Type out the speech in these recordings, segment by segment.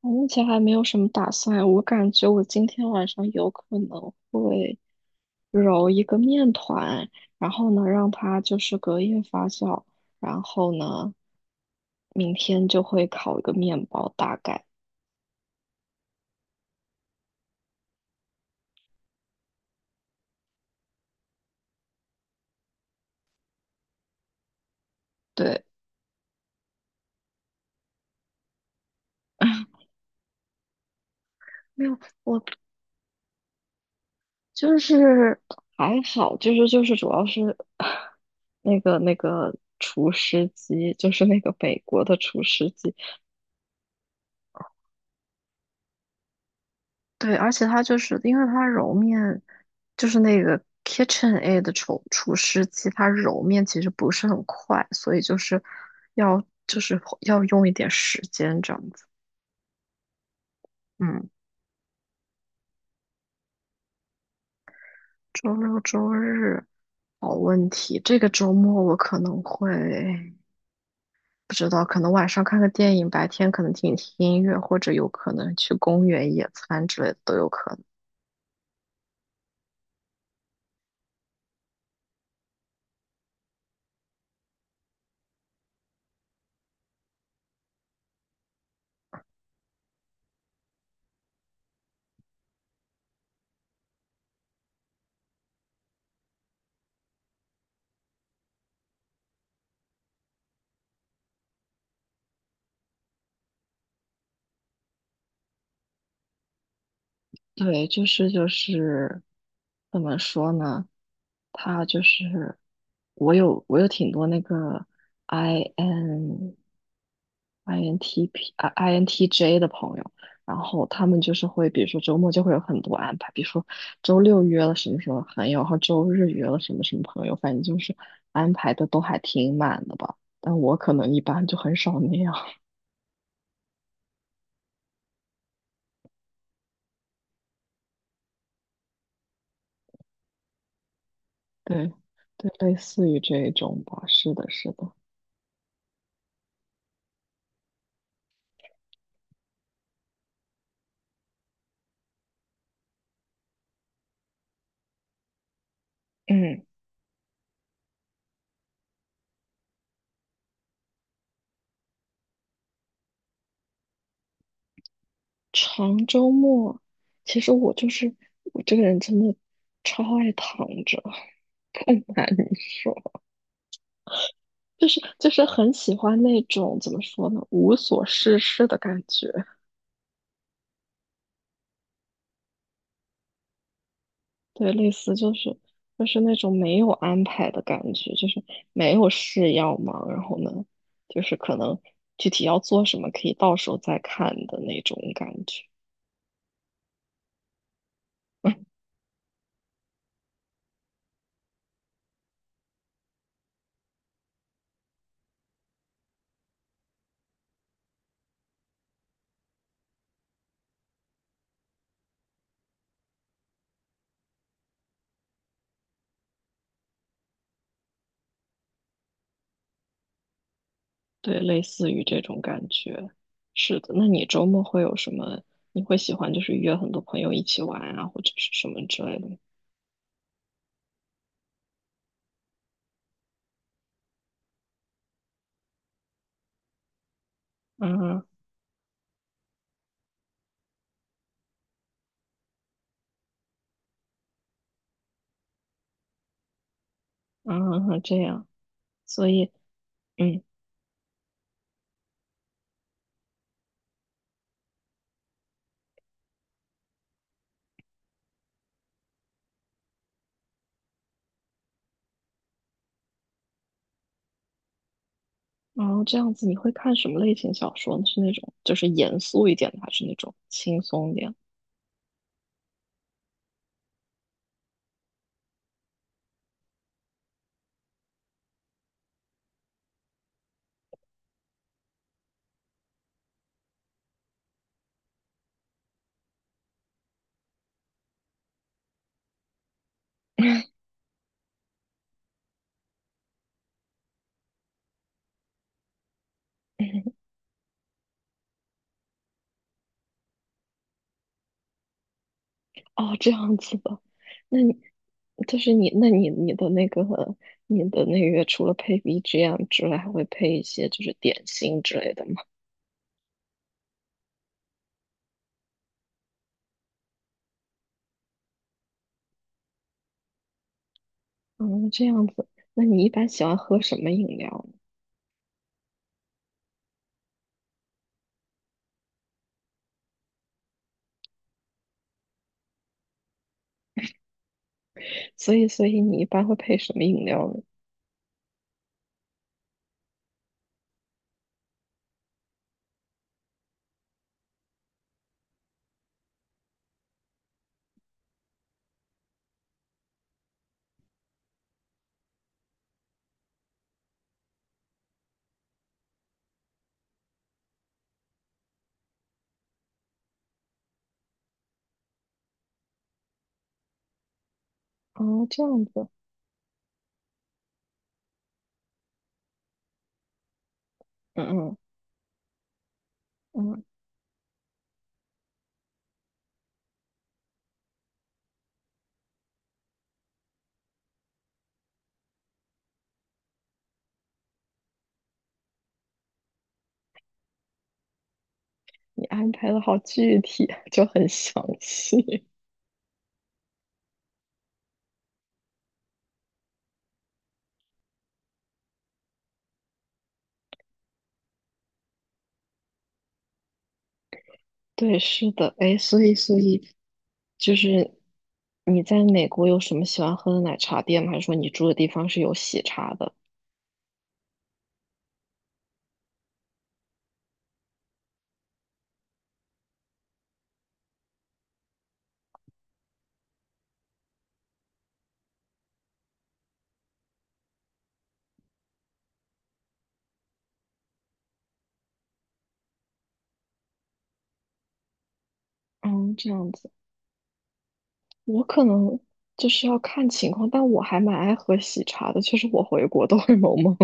我目前还没有什么打算，我感觉我今天晚上有可能会揉一个面团，然后呢让它就是隔夜发酵，然后呢明天就会烤一个面包，大概对。没有，我就是还好，就是主要是 那个厨师机，就是那个美国的厨师机，对，而且它就是因为它揉面，就是那个 KitchenAid 的厨师机，它揉面其实不是很快，所以就是要用一点时间这样子。嗯，周六周日，好问题。这个周末我可能会不知道，可能晚上看个电影，白天可能听听音乐，或者有可能去公园野餐之类的都有可能。对，就是怎么说呢？他就是我有挺多那个 I N INTP 啊 INTJ 的朋友，然后他们就是会，比如说周末就会有很多安排，比如说周六约了什么什么朋友，然后周日约了什么什么朋友，反正就是安排的都还挺满的吧。但我可能一般就很少那样，对对，类似于这一种吧，是的，是的，嗯。长周末，其实我就是我这个人真的超爱躺着，不难受，说，就是很喜欢那种怎么说呢，无所事事的感觉。对，类似就是就是那种没有安排的感觉，就是没有事要忙，然后呢，就是可能具体要做什么可以到时候再看的那种感觉。对，类似于这种感觉。是的，那你周末会有什么？你会喜欢就是约很多朋友一起玩啊，或者是什么之类的吗？啊啊，这样，所以嗯，然后这样子，你会看什么类型小说呢？是那种就是严肃一点的，还是那种轻松一点？哦，这样子的，那你就是你，那你你的那个，除了配 BGM 之外，还会配一些就是点心之类的吗？嗯，这样子，那你一般喜欢喝什么饮料呢？所以，所以你一般会配什么饮料呢？哦，这样子，嗯嗯嗯，你安排的好具体，就很详细。对，是的，哎，所以，所以就是你在美国有什么喜欢喝的奶茶店吗？还是说你住的地方是有喜茶的？嗯，这样子，我可能就是要看情况，但我还蛮爱喝喜茶的，就实我回国都会 萌萌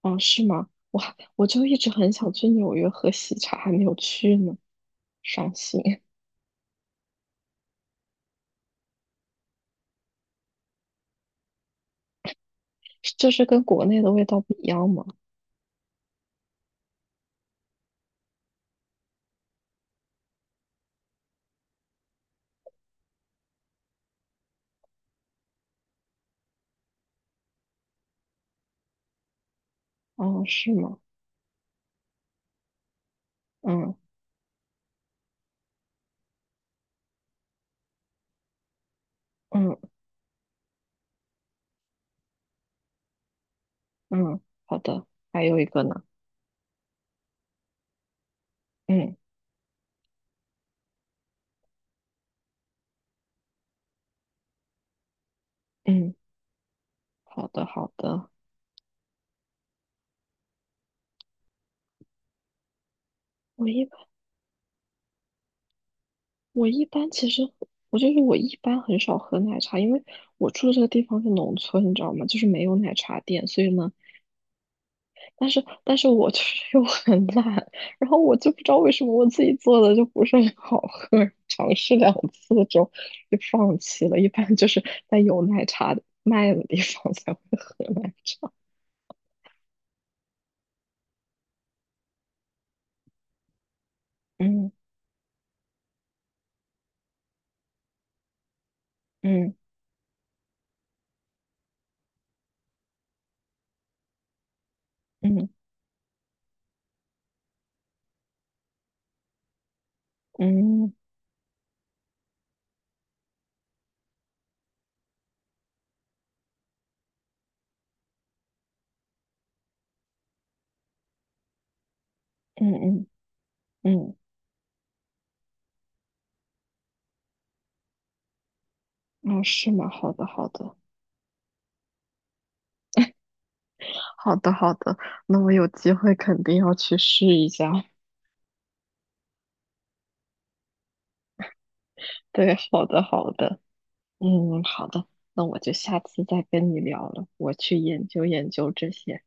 哦，是吗？我还我就一直很想去纽约喝喜茶，还没有去呢，伤心。这是跟国内的味道不一样吗？哦，是吗？嗯嗯嗯，好的。还有一个呢？嗯嗯，好的好的。我一般我一般其实我就是我一般很少喝奶茶，因为我住这个地方是农村，你知道吗？就是没有奶茶店，所以呢，但是但是我就是 又很懒，然后我就不知道为什么我自己做的就不是很好喝，尝试两次之后就放弃了。一般就是在有奶茶的卖的地方才会喝奶茶。嗯嗯嗯嗯嗯嗯嗯，哦，是吗？好的好的，好的好的，那我有机会肯定要去试一下。对，好的好的，嗯，好的，那我就下次再跟你聊了，我去研究研究这些。